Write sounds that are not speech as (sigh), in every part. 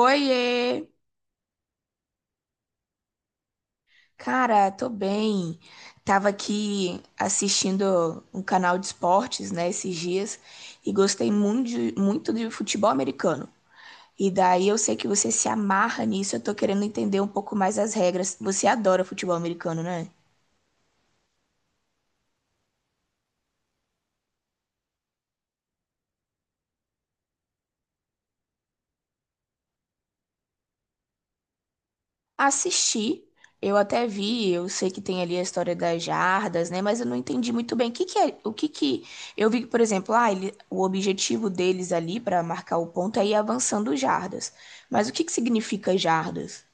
Oiê! Cara, tô bem. Tava aqui assistindo um canal de esportes, né, esses dias, e gostei muito muito de futebol americano. E daí eu sei que você se amarra nisso, eu tô querendo entender um pouco mais as regras. Você adora futebol americano, né? Assisti, eu até vi, eu sei que tem ali a história das jardas, né? Mas eu não entendi muito bem o que que é. O que que eu vi, por exemplo, ele, o objetivo deles ali para marcar o ponto é ir avançando jardas. Mas o que que significa jardas?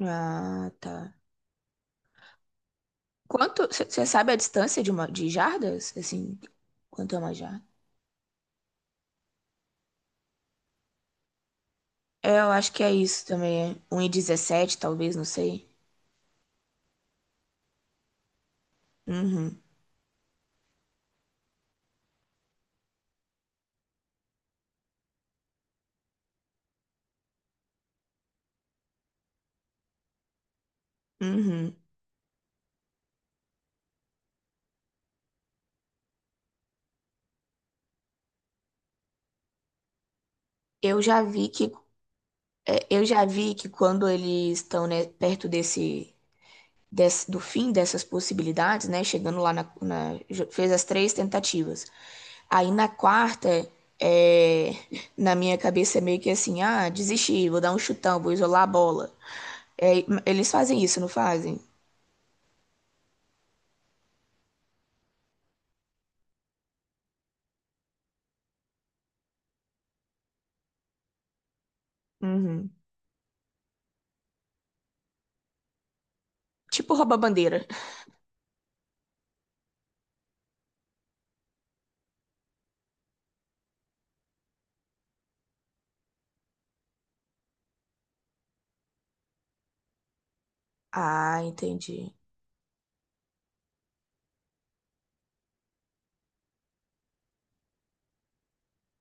Ah, tá. Quanto, você sabe a distância de uma de jardas? Assim, quanto é uma jarda? É, eu acho que é isso também, é um e dezessete talvez, não sei. Uhum, uhum. Eu já vi que É, eu já vi que quando eles estão, né, perto do fim dessas possibilidades, né, chegando lá fez as três tentativas. Aí na quarta, é, na minha cabeça é meio que assim, ah, desisti, vou dar um chutão, vou isolar a bola. É, eles fazem isso, não fazem? Uhum. Tipo rouba-bandeira. Ah, entendi.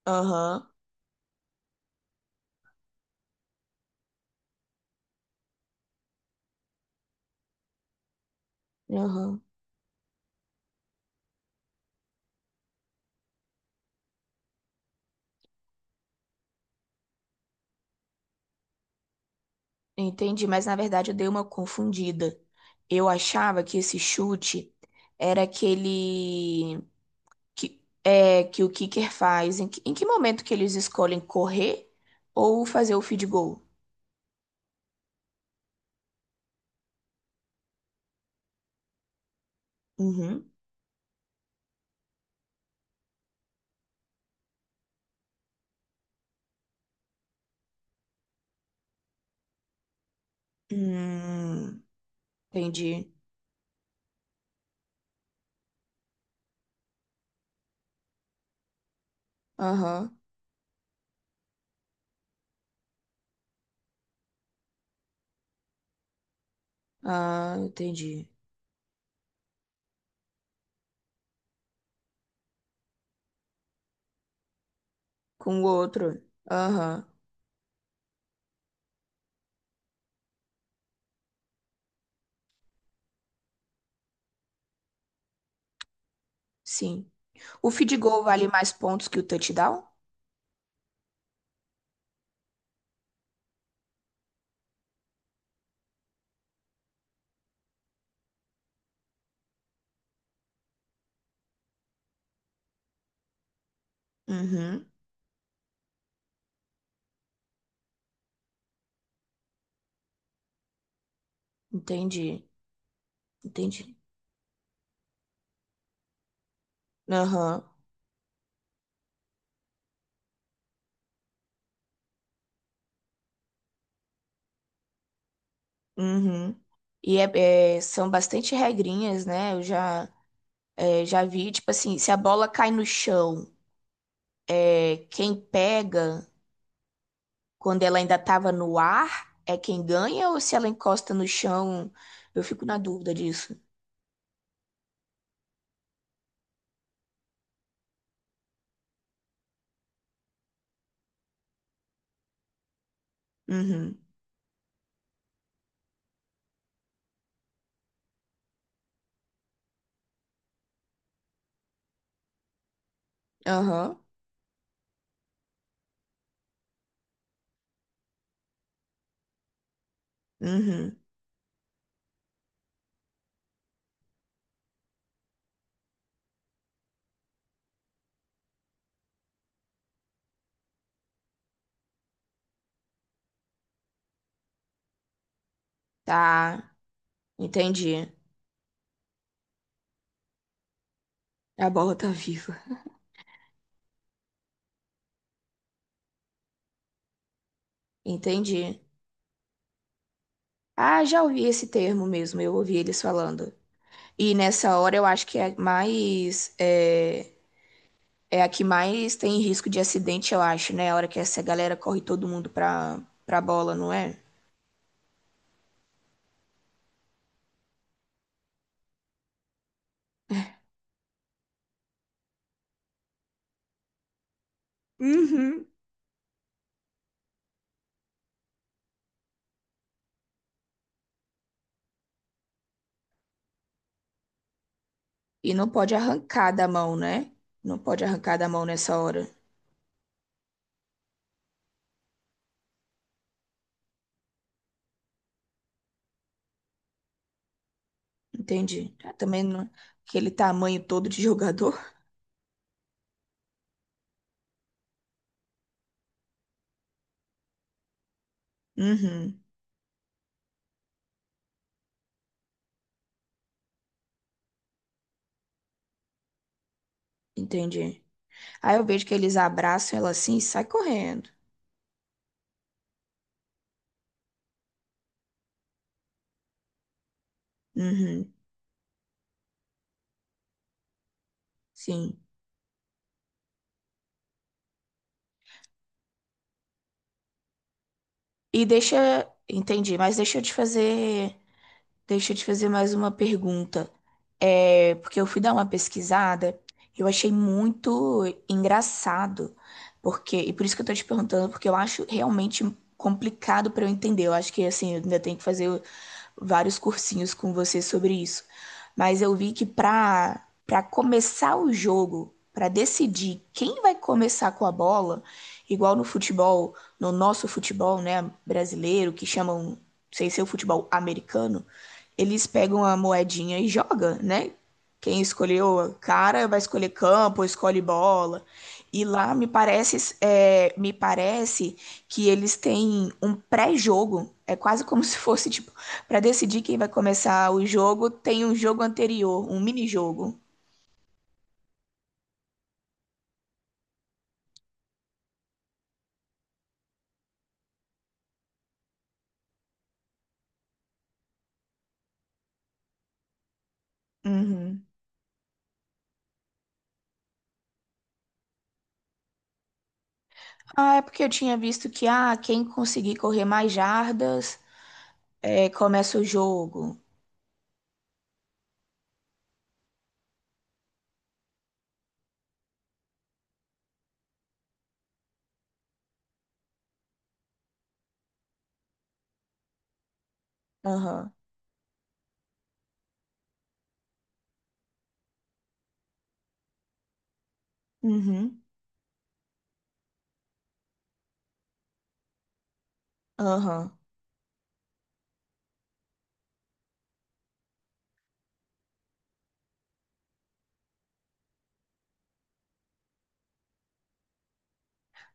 Aham, aham. Entendi, mas na verdade eu dei uma confundida. Eu achava que esse chute era aquele que, é, que o kicker faz, em que momento que eles escolhem correr ou fazer o field goal? Uhum. Hum, entendi. Aham. Ah, entendi. Com o outro. Aham. Sim. O field goal vale mais pontos que o touchdown? Uhum. Entendi. Entendi. Aham. Uhum. E são bastante regrinhas, né? Já vi, tipo assim, se a bola cai no chão, é, quem pega. Quando ela ainda estava no ar, é quem ganha ou se ela encosta no chão? Eu fico na dúvida disso. Uhum. Aham. Uhum. Tá. Entendi. A bola tá viva. Entendi. Ah, já ouvi esse termo mesmo. Eu ouvi eles falando. E nessa hora eu acho que é mais. É, é a que mais tem risco de acidente, eu acho, né? A hora que essa galera corre todo mundo pra bola, não é? Uhum. E não pode arrancar da mão, né? Não pode arrancar da mão nessa hora. Entendi. Ah, também não... aquele tamanho todo de jogador. (laughs) Uhum. Entendi. Aí eu vejo que eles abraçam ela assim e sai correndo. Uhum. Sim. E deixa. Entendi, mas deixa eu te fazer Deixa eu te fazer mais uma pergunta. É, porque eu fui dar uma pesquisada, eu achei muito engraçado, porque, e por isso que eu tô te perguntando, porque eu acho realmente complicado para eu entender. Eu acho que assim, eu ainda tenho que fazer vários cursinhos com você sobre isso. Mas eu vi que para começar o jogo, para decidir quem vai começar com a bola, igual no futebol, no nosso futebol, né, brasileiro, que chamam, não sei se é o futebol americano, eles pegam a moedinha e joga, né? Quem escolheu cara vai escolher campo, escolhe bola. E lá me parece, me parece que eles têm um pré-jogo. É quase como (laughs) se fosse tipo para decidir quem vai começar o jogo, tem um jogo anterior, um mini-jogo. Uhum. Ah, é porque eu tinha visto que ah, quem conseguir correr mais jardas é, começa o jogo. Aham. Uhum. Aham.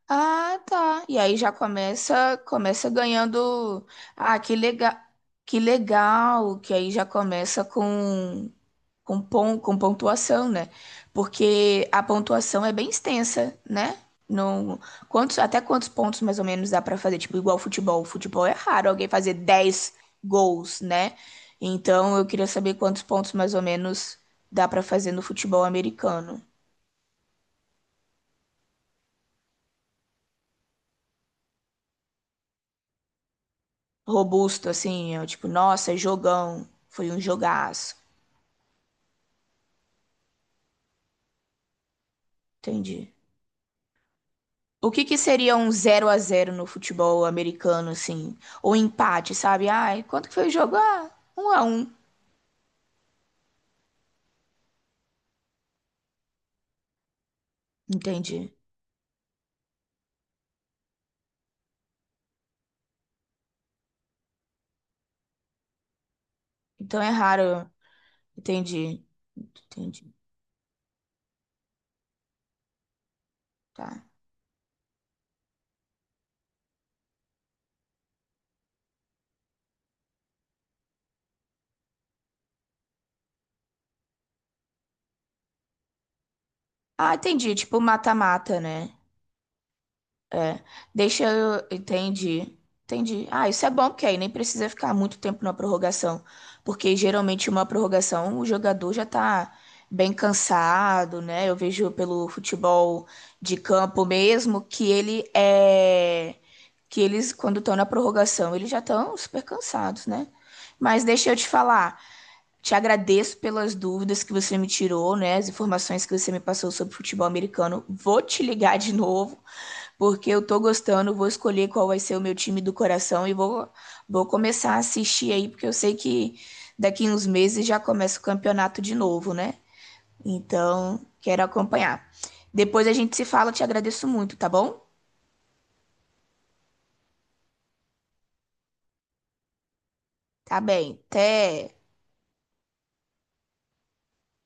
Ah, tá. E aí já começa, começa ganhando. Ah, que legal, que legal, que aí já começa com, pon, com pontuação, né? Porque a pontuação é bem extensa, né? Não, quantos, até quantos pontos mais ou menos dá pra fazer? Tipo, igual futebol. Futebol é raro alguém fazer dez gols, né? Então eu queria saber quantos pontos mais ou menos dá pra fazer no futebol americano. Robusto, assim, eu, tipo, nossa, é jogão, foi um jogaço. Entendi. O que que seria um zero a zero no futebol americano, assim? Ou empate, sabe? Ai, quanto que foi o jogo? Ah, 1 a um. Entendi. Então é raro. Entendi. Entendi. Tá. Ah, entendi. Tipo, mata-mata, né? É, deixa eu. Entendi. Entendi. Ah, isso é bom, porque aí nem precisa ficar muito tempo na prorrogação. Porque geralmente uma prorrogação o jogador já tá bem cansado, né? Eu vejo pelo futebol de campo mesmo que ele é. Que eles, quando estão na prorrogação, eles já estão super cansados, né? Mas deixa eu te falar. Te agradeço pelas dúvidas que você me tirou, né? As informações que você me passou sobre futebol americano. Vou te ligar de novo, porque eu tô gostando, vou escolher qual vai ser o meu time do coração e vou, vou começar a assistir aí, porque eu sei que daqui uns meses já começa o campeonato de novo, né? Então, quero acompanhar. Depois a gente se fala, te agradeço muito, tá bom? Tá bem. Até.